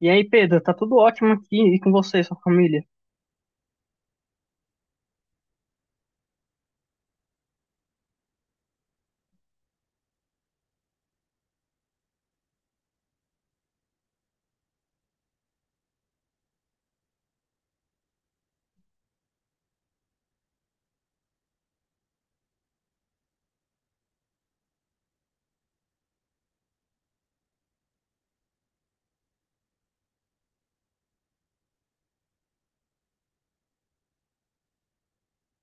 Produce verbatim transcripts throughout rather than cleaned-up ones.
E aí, Pedro, tá tudo ótimo aqui e com você, sua família?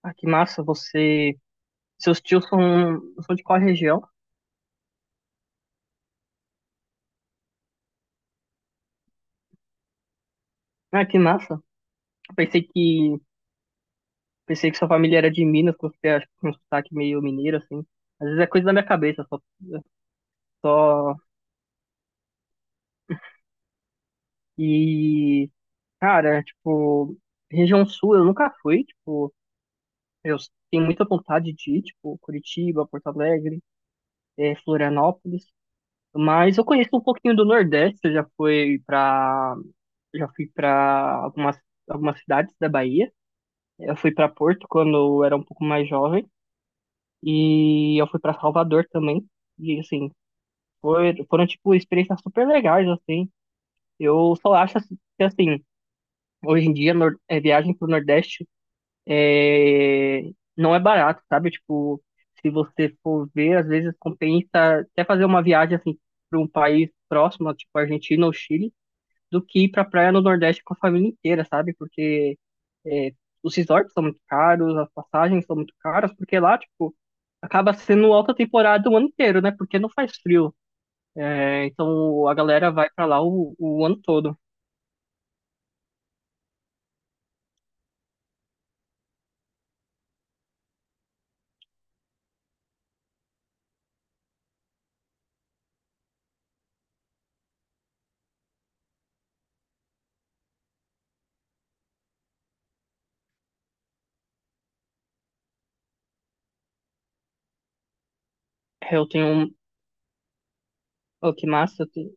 Ah, que massa, você. Seus tios são, são de qual região? Ah, que massa. Pensei que pensei que sua família era de Minas, porque você acha que tem um sotaque meio mineiro, assim. Às vezes é coisa da minha cabeça, só. só... E, cara, tipo, região sul eu nunca fui, tipo, eu tenho muita vontade de ir, tipo, Curitiba, Porto Alegre, eh, Florianópolis. Mas eu conheço um pouquinho do Nordeste, eu já fui pra já fui para algumas, algumas cidades da Bahia. Eu fui para Porto quando eu era um pouco mais jovem. E eu fui para Salvador também. E, assim, foi, foram, tipo, experiências super legais, assim. Eu só acho assim, que, assim, hoje em dia, nor- é, viagem pro Nordeste é, não é barato, sabe? Tipo, se você for ver, às vezes compensa até fazer uma viagem, assim, para um país próximo, tipo Argentina ou Chile, do que ir pra praia no Nordeste com a família inteira, sabe? Porque é, os resorts são muito caros, as passagens são muito caras, porque lá, tipo, acaba sendo alta temporada o ano inteiro, né? Porque não faz frio. É, então a galera vai pra lá o, o ano todo. Eu tenho um. Oh, que massa. Eu tenho-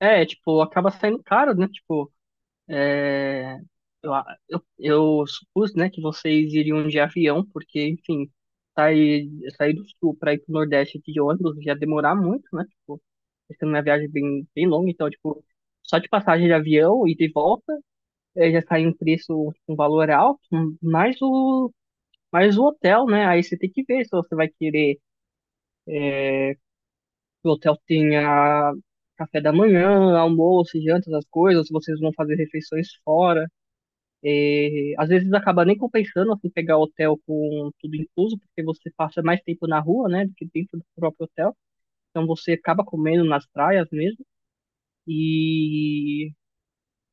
É, tipo, acaba saindo caro, né? Tipo, eu, eu, eu supus, né, que vocês iriam de avião, porque, enfim, sair, sair do sul pra ir pro Nordeste aqui de ônibus ia demorar muito, né? Tipo, sendo uma viagem bem, bem longa, então, tipo, só de passagem de avião e de volta eh, já cai um preço, tipo, um valor alto, mais o, mais o hotel, né? Aí você tem que ver se você vai querer eh, que o hotel tenha café da manhã, almoço, janta, essas coisas, se vocês vão fazer refeições fora. Eh, às vezes acaba nem compensando assim, pegar hotel com tudo incluso, porque você passa mais tempo na rua, né, do que dentro do próprio hotel. Então você acaba comendo nas praias mesmo. E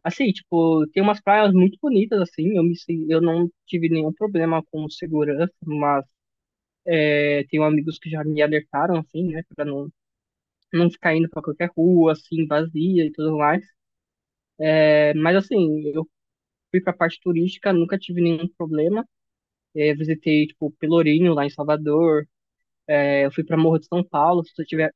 assim, tipo, tem umas praias muito bonitas, assim, eu me, sen- eu não tive nenhum problema com segurança, mas é, tenho amigos que já me alertaram, assim, né, pra não, não ficar indo pra qualquer rua, assim, vazia e tudo mais. É, mas, assim, eu fui pra parte turística, nunca tive nenhum problema. É, visitei, tipo, Pelourinho, lá em Salvador. É, eu fui pra Morro de São Paulo, se você tiver,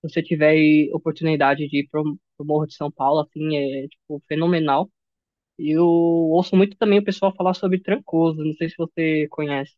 se você tiver aí oportunidade de ir pro, pro Morro de São Paulo, assim, é, tipo, fenomenal. E eu ouço muito também o pessoal falar sobre Trancoso, não sei se você conhece.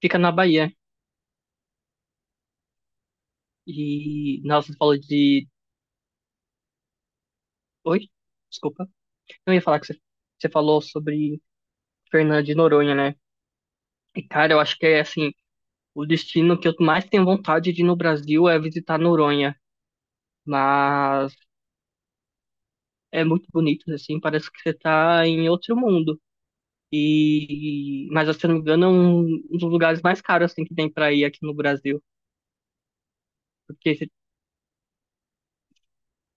Fica na Bahia. E, nossa, você falou de... Oi? Desculpa. Eu ia falar que você, você falou sobre Fernando de Noronha, né? E, cara, eu acho que é, assim, o destino que eu mais tenho vontade de ir no Brasil é visitar Noronha. Mas é muito bonito, assim, parece que você tá em outro mundo. E, mas, se eu não me engano, é um, um dos lugares mais caros, assim, que tem pra ir aqui no Brasil. Porque você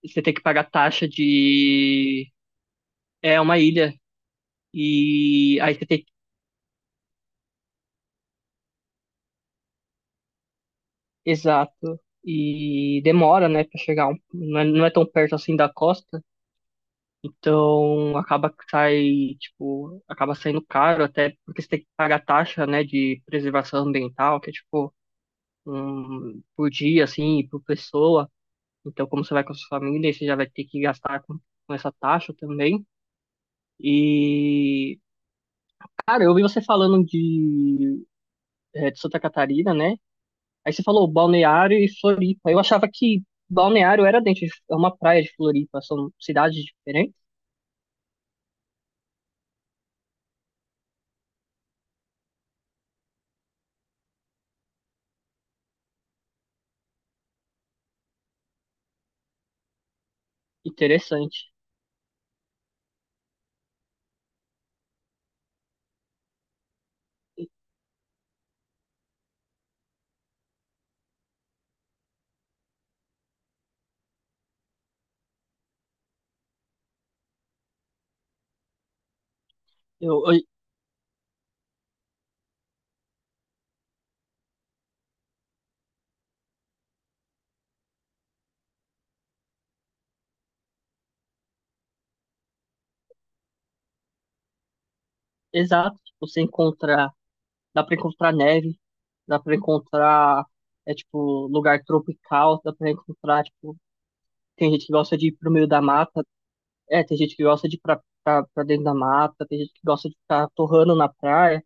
você tem que pagar taxa de. É uma ilha. E aí você tem que. Exato. E demora, né, pra chegar. Um- não é, não é tão perto assim da costa. Então acaba que sai, tipo, acaba saindo caro até porque você tem que pagar taxa, né, de preservação ambiental, que é tipo um, por dia, assim, por pessoa. Então, como você vai com a sua família, você já vai ter que gastar com, com essa taxa também. E, cara, eu ouvi você falando de é, de Santa Catarina, né? Aí você falou Balneário e Floripa. Eu achava que Balneário era dentro de é uma praia de Floripa, são cidades diferentes. Interessante. Eu, eu- exato, tipo, você encontra, dá pra encontrar neve, dá pra encontrar é tipo lugar tropical, dá pra encontrar tipo tem gente que gosta de ir pro meio da mata, é, tem gente que gosta de ir pra, pra, pra dentro da mata, tem gente que gosta de ficar torrando na praia.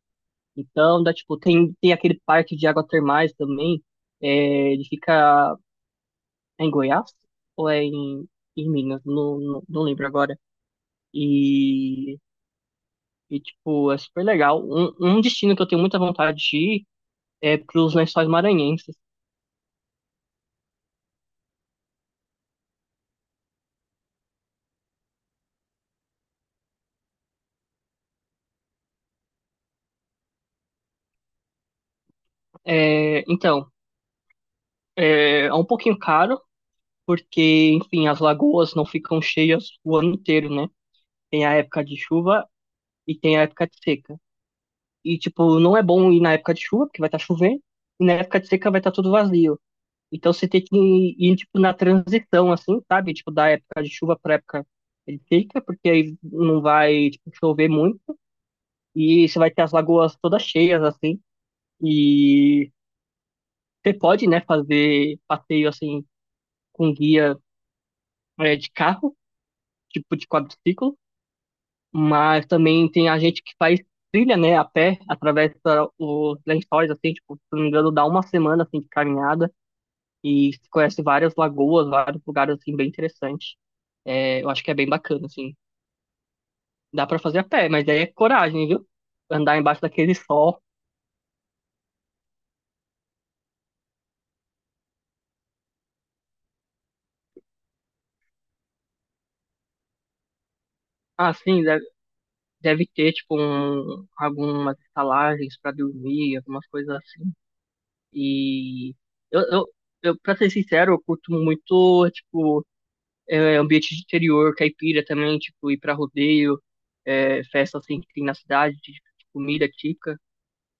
Então, dá, tipo, tem, tem aquele parque de água termais também. É, ele fica é em Goiás ou é em, em Minas? Não, não, não lembro agora. E, e, tipo, é super legal. Um, um destino que eu tenho muita vontade de ir é pros Lençóis Maranhenses. É, então, é, é um pouquinho caro, porque, enfim, as lagoas não ficam cheias o ano inteiro, né? Tem a época de chuva e tem a época de seca. E, tipo, não é bom ir na época de chuva, porque vai estar chovendo, e na época de seca vai estar tudo vazio. Então você tem que ir, ir, tipo, na transição, assim, sabe? Tipo, da época de chuva para época de seca, porque aí não vai, tipo, chover muito, e você vai ter as lagoas todas cheias, assim, e você pode, né, fazer passeio, assim, com guia, é, de carro, tipo, de quadriciclo, mas também tem a gente que faz trilha, né, a pé, atravessa os lençóis, assim, tipo, se não me engano, dá uma semana, assim, de caminhada, e se conhece várias lagoas, vários lugares assim bem interessantes. É, eu acho que é bem bacana, assim. Dá pra fazer a pé, mas aí é coragem, viu? Andar embaixo daquele sol. Ah, sim, deve, deve ter, tipo, um, algumas estalagens pra dormir, algumas coisas assim. E eu, eu, eu, pra ser sincero, eu curto muito, tipo, é, ambiente de interior, caipira também, tipo, ir pra rodeio, é, festa assim que tem na cidade, de, de comida típica.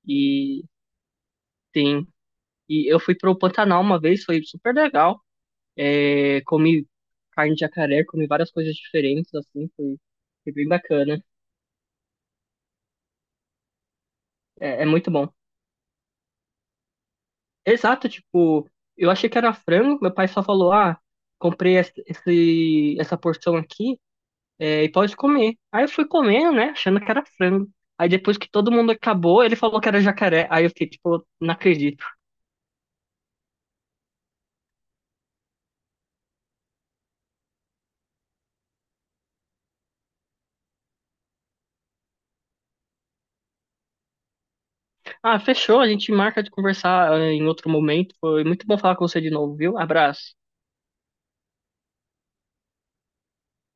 E tem E eu fui pro Pantanal uma vez, foi super legal. É, comi carne de jacaré, comi várias coisas diferentes, assim, foi, foi bem bacana. É, é muito bom. Exato, tipo, eu achei que era frango, meu pai só falou, ah, comprei esse, esse- essa porção aqui, é, e pode comer. Aí eu fui comendo, né, achando que era frango. Aí depois que todo mundo acabou, ele falou que era jacaré. Aí eu fiquei, tipo, não acredito. Ah, fechou, a gente marca de conversar, eh, em outro momento. Foi muito bom falar com você de novo, viu? Abraço.